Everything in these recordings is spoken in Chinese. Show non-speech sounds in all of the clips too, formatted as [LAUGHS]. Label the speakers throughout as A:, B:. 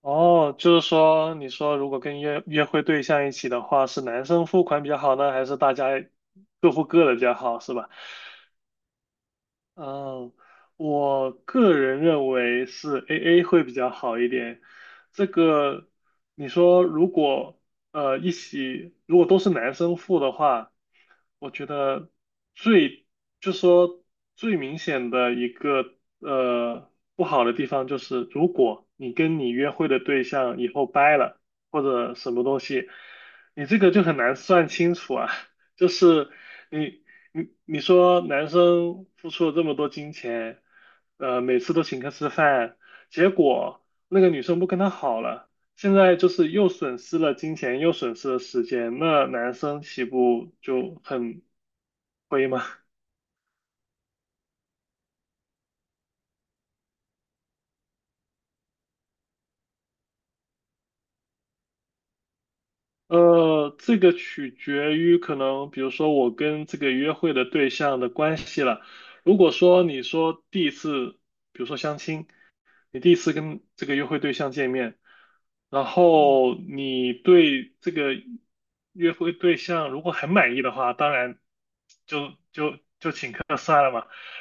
A: 哦，就是说，你说如果跟约会对象一起的话，是男生付款比较好呢，还是大家各付各的比较好，是吧？嗯，我个人认为是 AA 会比较好一点。这个，你说如果一起，如果都是男生付的话，我觉得最就说最明显的一个不好的地方就是，如果你跟你约会的对象以后掰了或者什么东西，你这个就很难算清楚啊。[LAUGHS] 就是你你说男生付出了这么多金钱，每次都请客吃饭，结果那个女生不跟他好了，现在就是又损失了金钱，又损失了时间，那男生岂不就很亏吗？这个取决于可能，比如说我跟这个约会的对象的关系了。如果说你说第一次，比如说相亲。你第一次跟这个约会对象见面，然后你对这个约会对象如果很满意的话，当然就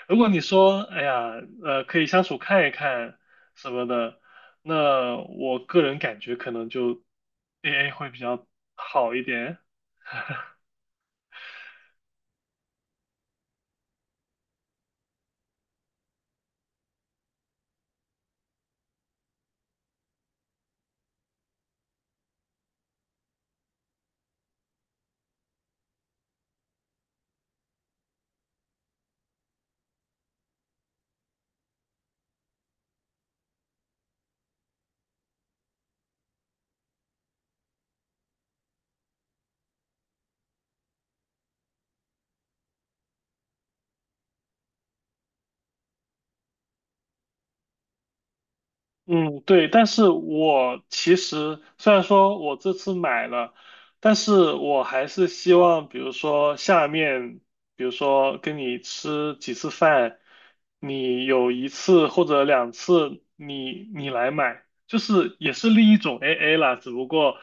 A: 如果你说哎呀可以相处看一看什么的，那我个人感觉可能就 AA 会比较好一点。嗯，对，但是我其实虽然说我这次买了，但是我还是希望，比如说下面，比如说跟你吃几次饭，你有一次或者两次你来买，就是也是另一种 AA 啦，只不过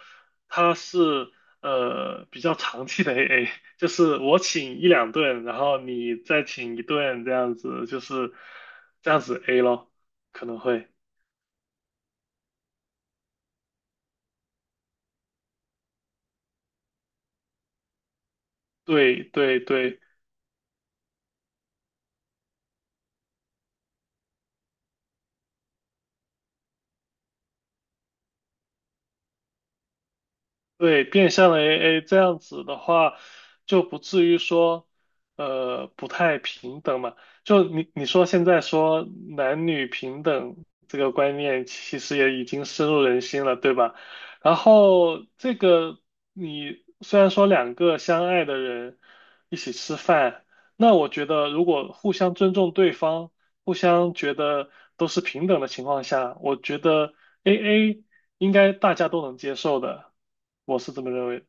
A: 它是比较长期的 AA，就是我请一两顿，然后你再请一顿这样子，就是这样子 A 咯，可能会。对对对对，变相的 AA 这样子的话，就不至于说，不太平等嘛。就你说现在说男女平等这个观念，其实也已经深入人心了，对吧？然后这个你虽然说两个相爱的人一起吃饭，那我觉得如果互相尊重对方，互相觉得都是平等的情况下，我觉得 AA。应该大家都能接受的，我是这么认为的。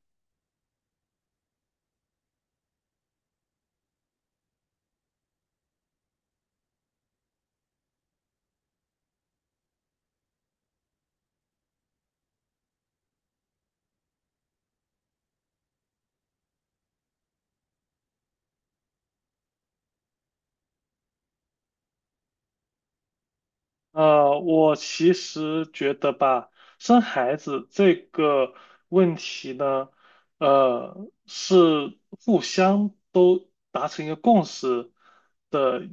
A: 我其实觉得吧，生孩子这个问题呢，呃，是互相都达成一个共识的。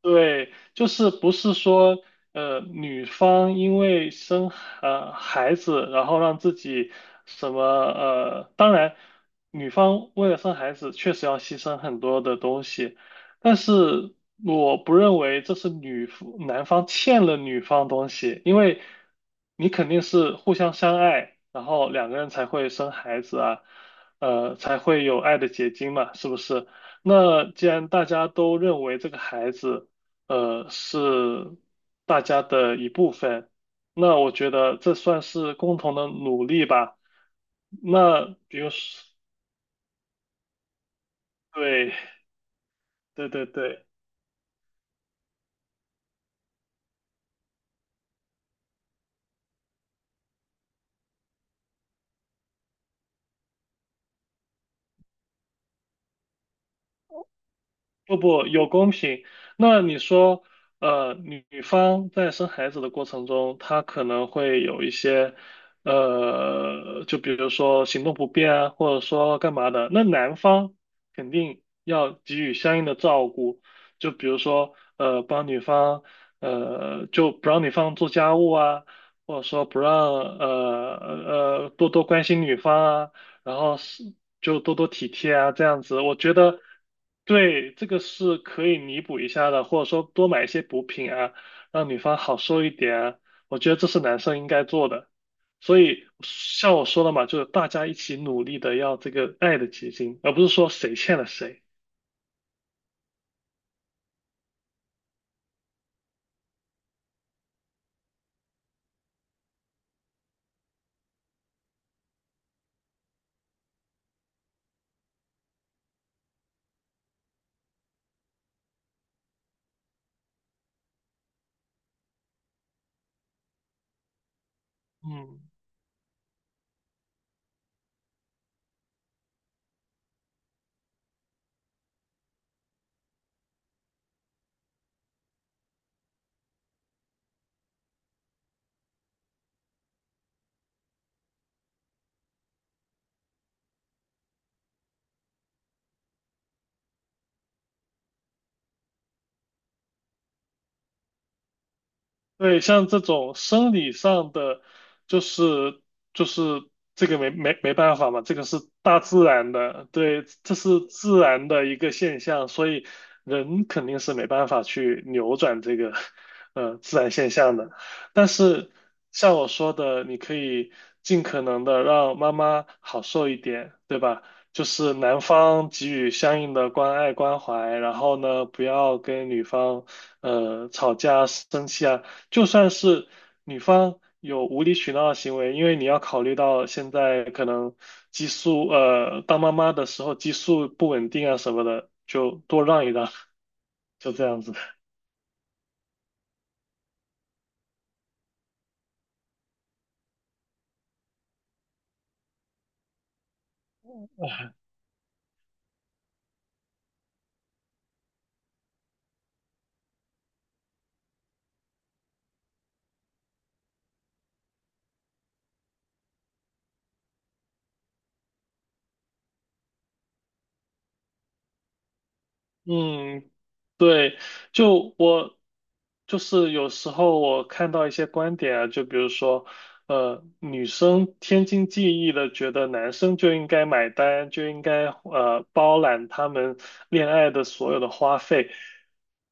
A: 对，就是不是说，女方因为生孩子，然后让自己什么，当然，女方为了生孩子确实要牺牲很多的东西，但是我不认为这是男方欠了女方东西，因为你肯定是互相相爱，然后两个人才会生孩子啊，才会有爱的结晶嘛，是不是？那既然大家都认为这个孩子。是大家的一部分。那我觉得这算是共同的努力吧。那比如说对对对对。不不有公平。那你说，女方在生孩子的过程中，她可能会有一些，就比如说行动不便啊，或者说干嘛的，那男方肯定要给予相应的照顾，就比如说，帮女方，就不让女方做家务啊，或者说不让，多多关心女方啊。然后是就多多体贴啊，这样子，我觉得对这个是可以弥补一下的，或者说多买一些补品啊，让女方好受一点啊，我觉得这是男生应该做的。所以像我说的嘛，就是大家一起努力的要这个爱的结晶，而不是说谁欠了谁。嗯，对，像这种生理上的，就是就是这个没办法嘛，这个是大自然的，对，这是自然的一个现象，所以人肯定是没办法去扭转这个自然现象的。但是像我说的，你可以尽可能的让妈妈好受一点，对吧？就是男方给予相应的关爱关怀，然后呢，不要跟女方吵架生气啊。就算是女方有无理取闹的行为，因为你要考虑到现在可能激素，当妈妈的时候激素不稳定啊什么的，就多让一让，[LAUGHS] 就这样子。嗯，对，就我就是有时候我看到一些观点啊，就比如说，女生天经地义的觉得男生就应该买单，就应该包揽他们恋爱的所有的花费。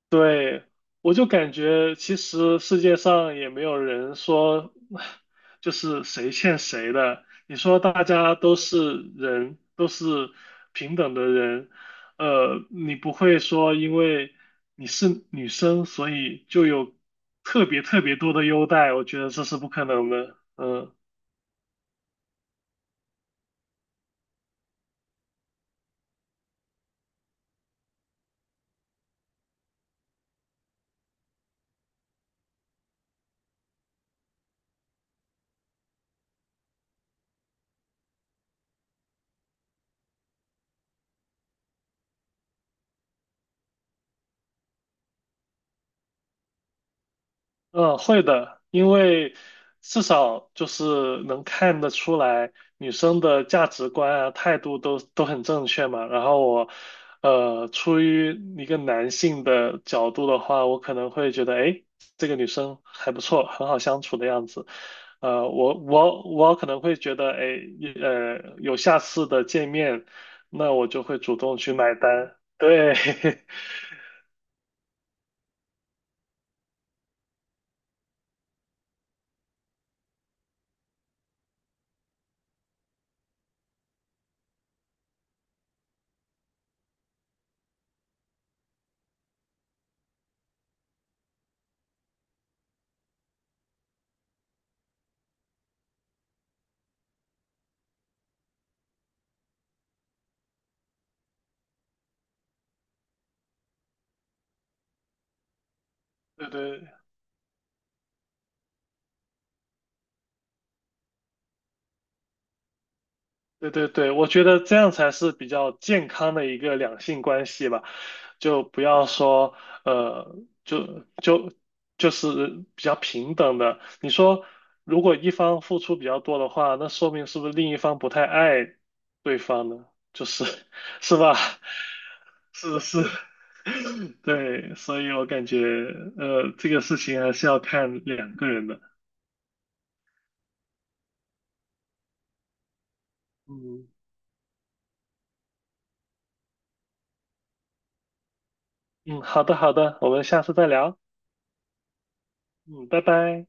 A: 对，我就感觉其实世界上也没有人说 [SIGHS] 就是谁欠谁的。你说大家都是人，都是平等的人。你不会说因为你是女生，所以就有特别特别多的优待，我觉得这是不可能的。嗯。嗯，会的，因为至少就是能看得出来女生的价值观啊、态度都很正确嘛。然后我，出于一个男性的角度的话，我可能会觉得，哎，这个女生还不错，很好相处的样子。我可能会觉得，哎，有下次的见面，那我就会主动去买单。对，[LAUGHS] 对对。对对对，我觉得这样才是比较健康的一个两性关系吧，就不要说呃，就就就是比较平等的。你说，如果一方付出比较多的话，那说明是不是另一方不太爱对方呢？就是 [LAUGHS] 是吧？是是，[LAUGHS] 对，所以我感觉这个事情还是要看两个人的。嗯。嗯，好的好的，我们下次再聊。嗯，拜拜。